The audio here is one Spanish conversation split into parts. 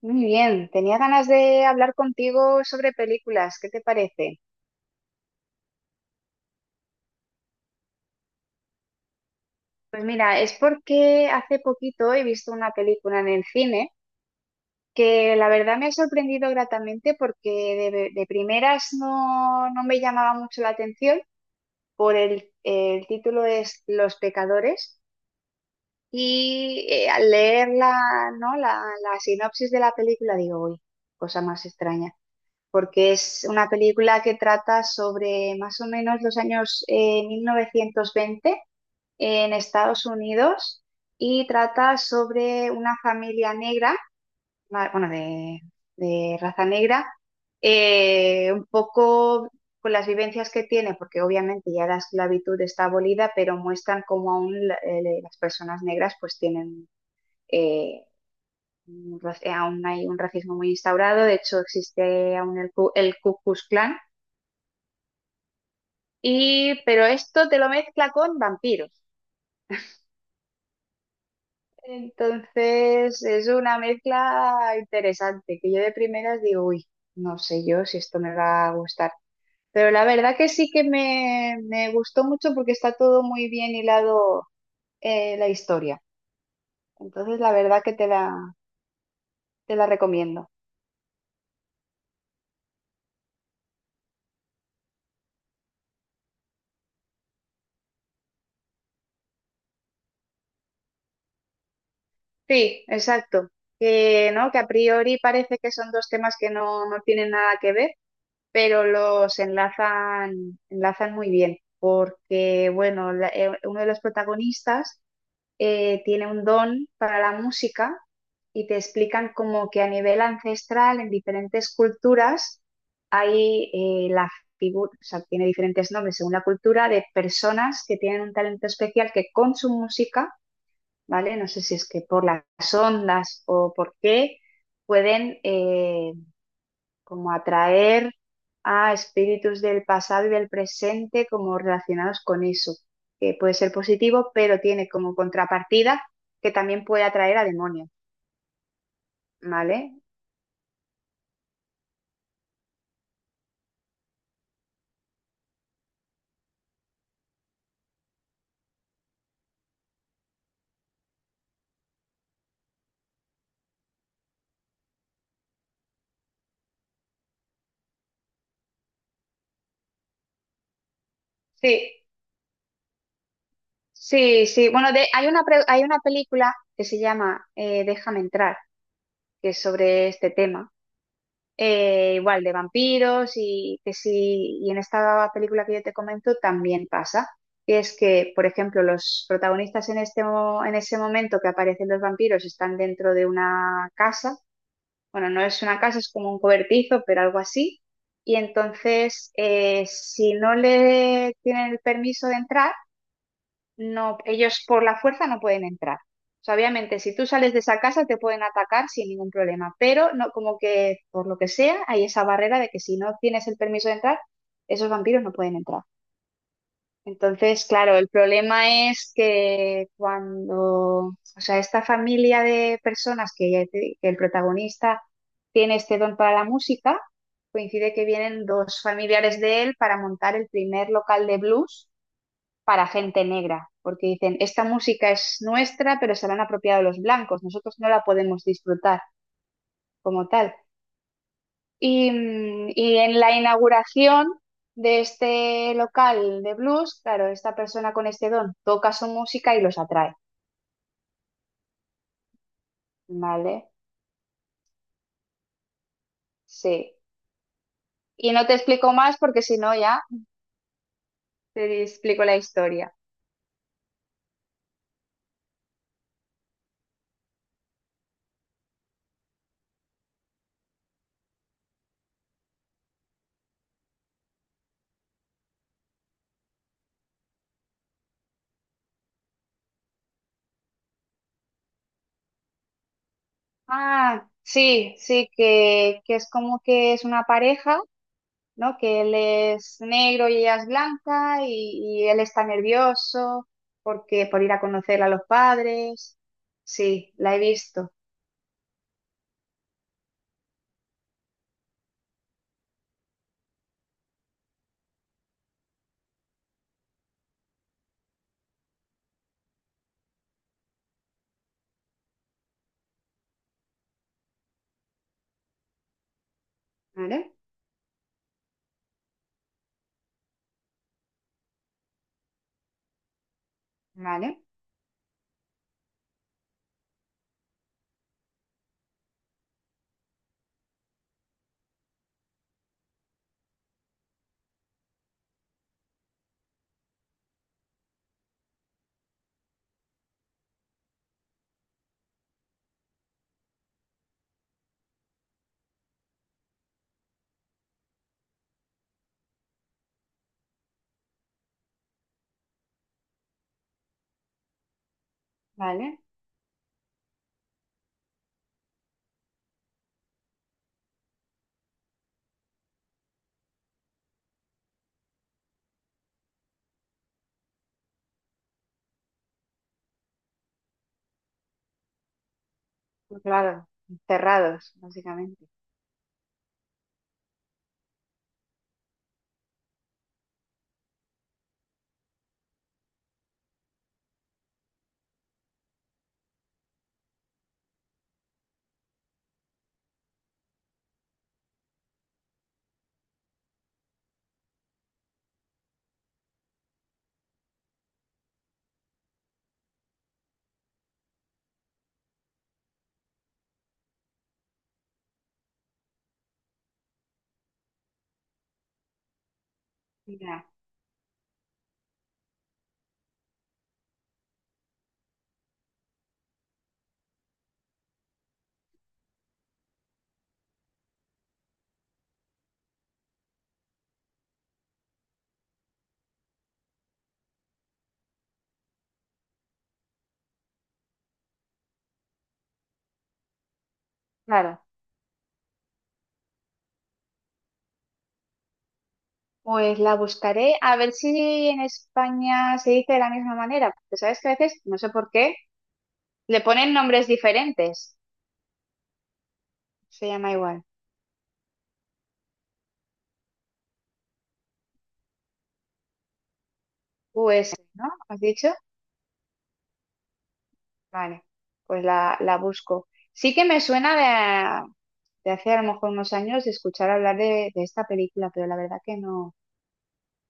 Muy bien, tenía ganas de hablar contigo sobre películas, ¿qué te parece? Pues mira, es porque hace poquito he visto una película en el cine que la verdad me ha sorprendido gratamente porque de primeras, no me llamaba mucho la atención por el título es Los pecadores. Y al leer la, ¿no?, la sinopsis de la película digo, uy, cosa más extraña. Porque es una película que trata sobre más o menos los años 1920 en Estados Unidos, y trata sobre una familia negra, bueno, de raza negra, un poco con las vivencias que tiene, porque obviamente ya la esclavitud está abolida, pero muestran cómo aún las personas negras pues tienen. Eh, un raci- aún hay un racismo muy instaurado, de hecho existe aún el Ku Klux Klan. Pero esto te lo mezcla con vampiros. Entonces es una mezcla interesante, que yo de primeras digo, uy, no sé yo si esto me va a gustar. Pero la verdad que sí que me gustó mucho porque está todo muy bien hilado, la historia. Entonces la verdad que te la recomiendo. Sí, exacto. Que, ¿no?, que a priori parece que son dos temas que no tienen nada que ver, pero los enlazan muy bien, porque, bueno, uno de los protagonistas tiene un don para la música, y te explican como que a nivel ancestral, en diferentes culturas, hay la figura, o sea, tiene diferentes nombres según la cultura, de personas que tienen un talento especial que con su música, ¿vale? No sé si es que por las ondas o por qué, pueden como atraer a espíritus del pasado y del presente como relacionados con eso, que puede ser positivo, pero tiene como contrapartida que también puede atraer a demonios, ¿vale? Sí, sí, sí. Bueno, hay una película que se llama Déjame entrar, que es sobre este tema. Igual de vampiros, y que sí, y en esta película que yo te comento también pasa, que es que, por ejemplo, los protagonistas en en ese momento que aparecen los vampiros están dentro de una casa, bueno, no es una casa, es como un cobertizo, pero algo así, y entonces si no le tienen el permiso de entrar, no, ellos por la fuerza no pueden entrar. O sea, obviamente, si tú sales de esa casa te pueden atacar sin ningún problema, pero no, como que por lo que sea, hay esa barrera de que si no tienes el permiso de entrar, esos vampiros no pueden entrar. Entonces, claro, el problema es que cuando, o sea, esta familia de personas que, que el protagonista tiene este don para la música, coincide que vienen dos familiares de él para montar el primer local de blues para gente negra, porque dicen, esta música es nuestra, pero se la han apropiado los blancos, nosotros no la podemos disfrutar como tal. Y en la inauguración de este local de blues, claro, esta persona con este don toca su música y los atrae, ¿vale? Sí. Y no te explico más porque si no ya te explico la historia. Ah, sí, sí, que es como que es una pareja, ¿no? Que él es negro y ella es blanca, y él está nervioso porque por ir a conocer a los padres. Sí, la he visto. Vale, vale, vale. Pues claro, cerrados, básicamente. Ya, claro. Pues la buscaré a ver si en España se dice de la misma manera, porque sabes que a veces, no sé por qué, le ponen nombres diferentes. Se llama igual. US, ¿no? ¿Has dicho? Vale, pues la busco. Sí que me suena de, de hace a lo mejor unos años de escuchar hablar de esta película, pero la verdad que no,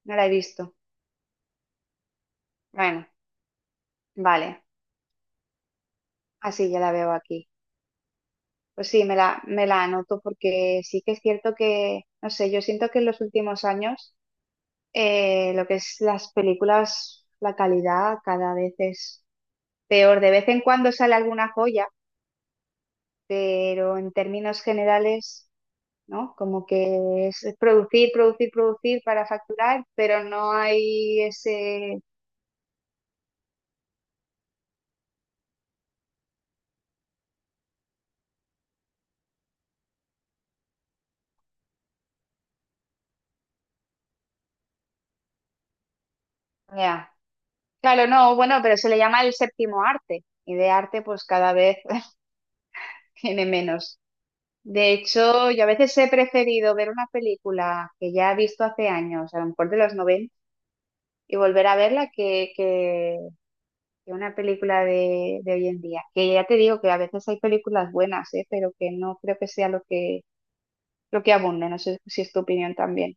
no la he visto. Bueno, vale, así ya la veo aquí. Pues sí, me la anoto porque sí que es cierto que, no sé, yo siento que en los últimos años lo que es las películas, la calidad cada vez es peor. De vez en cuando sale alguna joya, pero en términos generales, ¿no? Como que es producir, producir, producir para facturar, pero no hay ese. Ya. Claro, no, bueno, pero se le llama el séptimo arte y de arte pues cada vez tiene menos. De hecho, yo a veces he preferido ver una película que ya he visto hace años, a lo mejor de los 90, y volver a verla que, que una película de hoy en día. Que ya te digo que a veces hay películas buenas, ¿eh?, pero que no creo que sea lo que, abunde. No sé si es tu opinión también.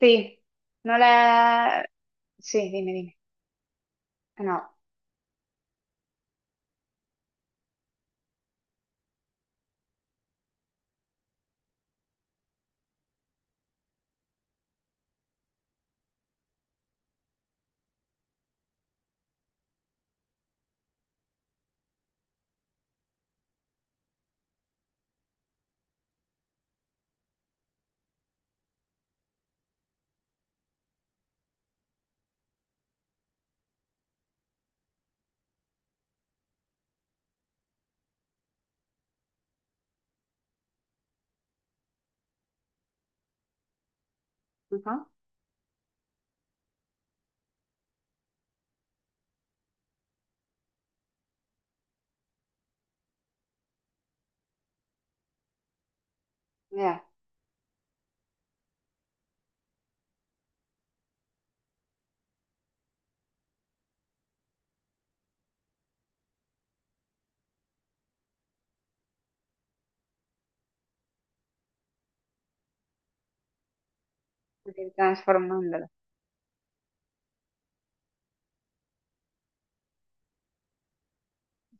Sí, no la. Sí, dime, dime. No, ajá, mira, estoy transformándola.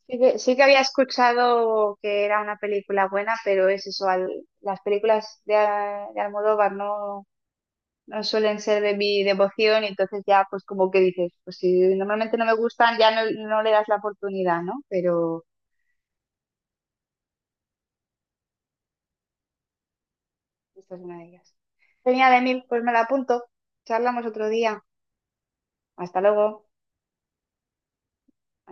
Sí que había escuchado que era una película buena, pero es eso, las películas de Almodóvar no suelen ser de mi devoción y entonces ya pues como que dices, pues si normalmente no me gustan ya no le das la oportunidad, ¿no? Pero esta es una de ellas. Genial, Emil, pues me la apunto. Charlamos otro día. Hasta luego.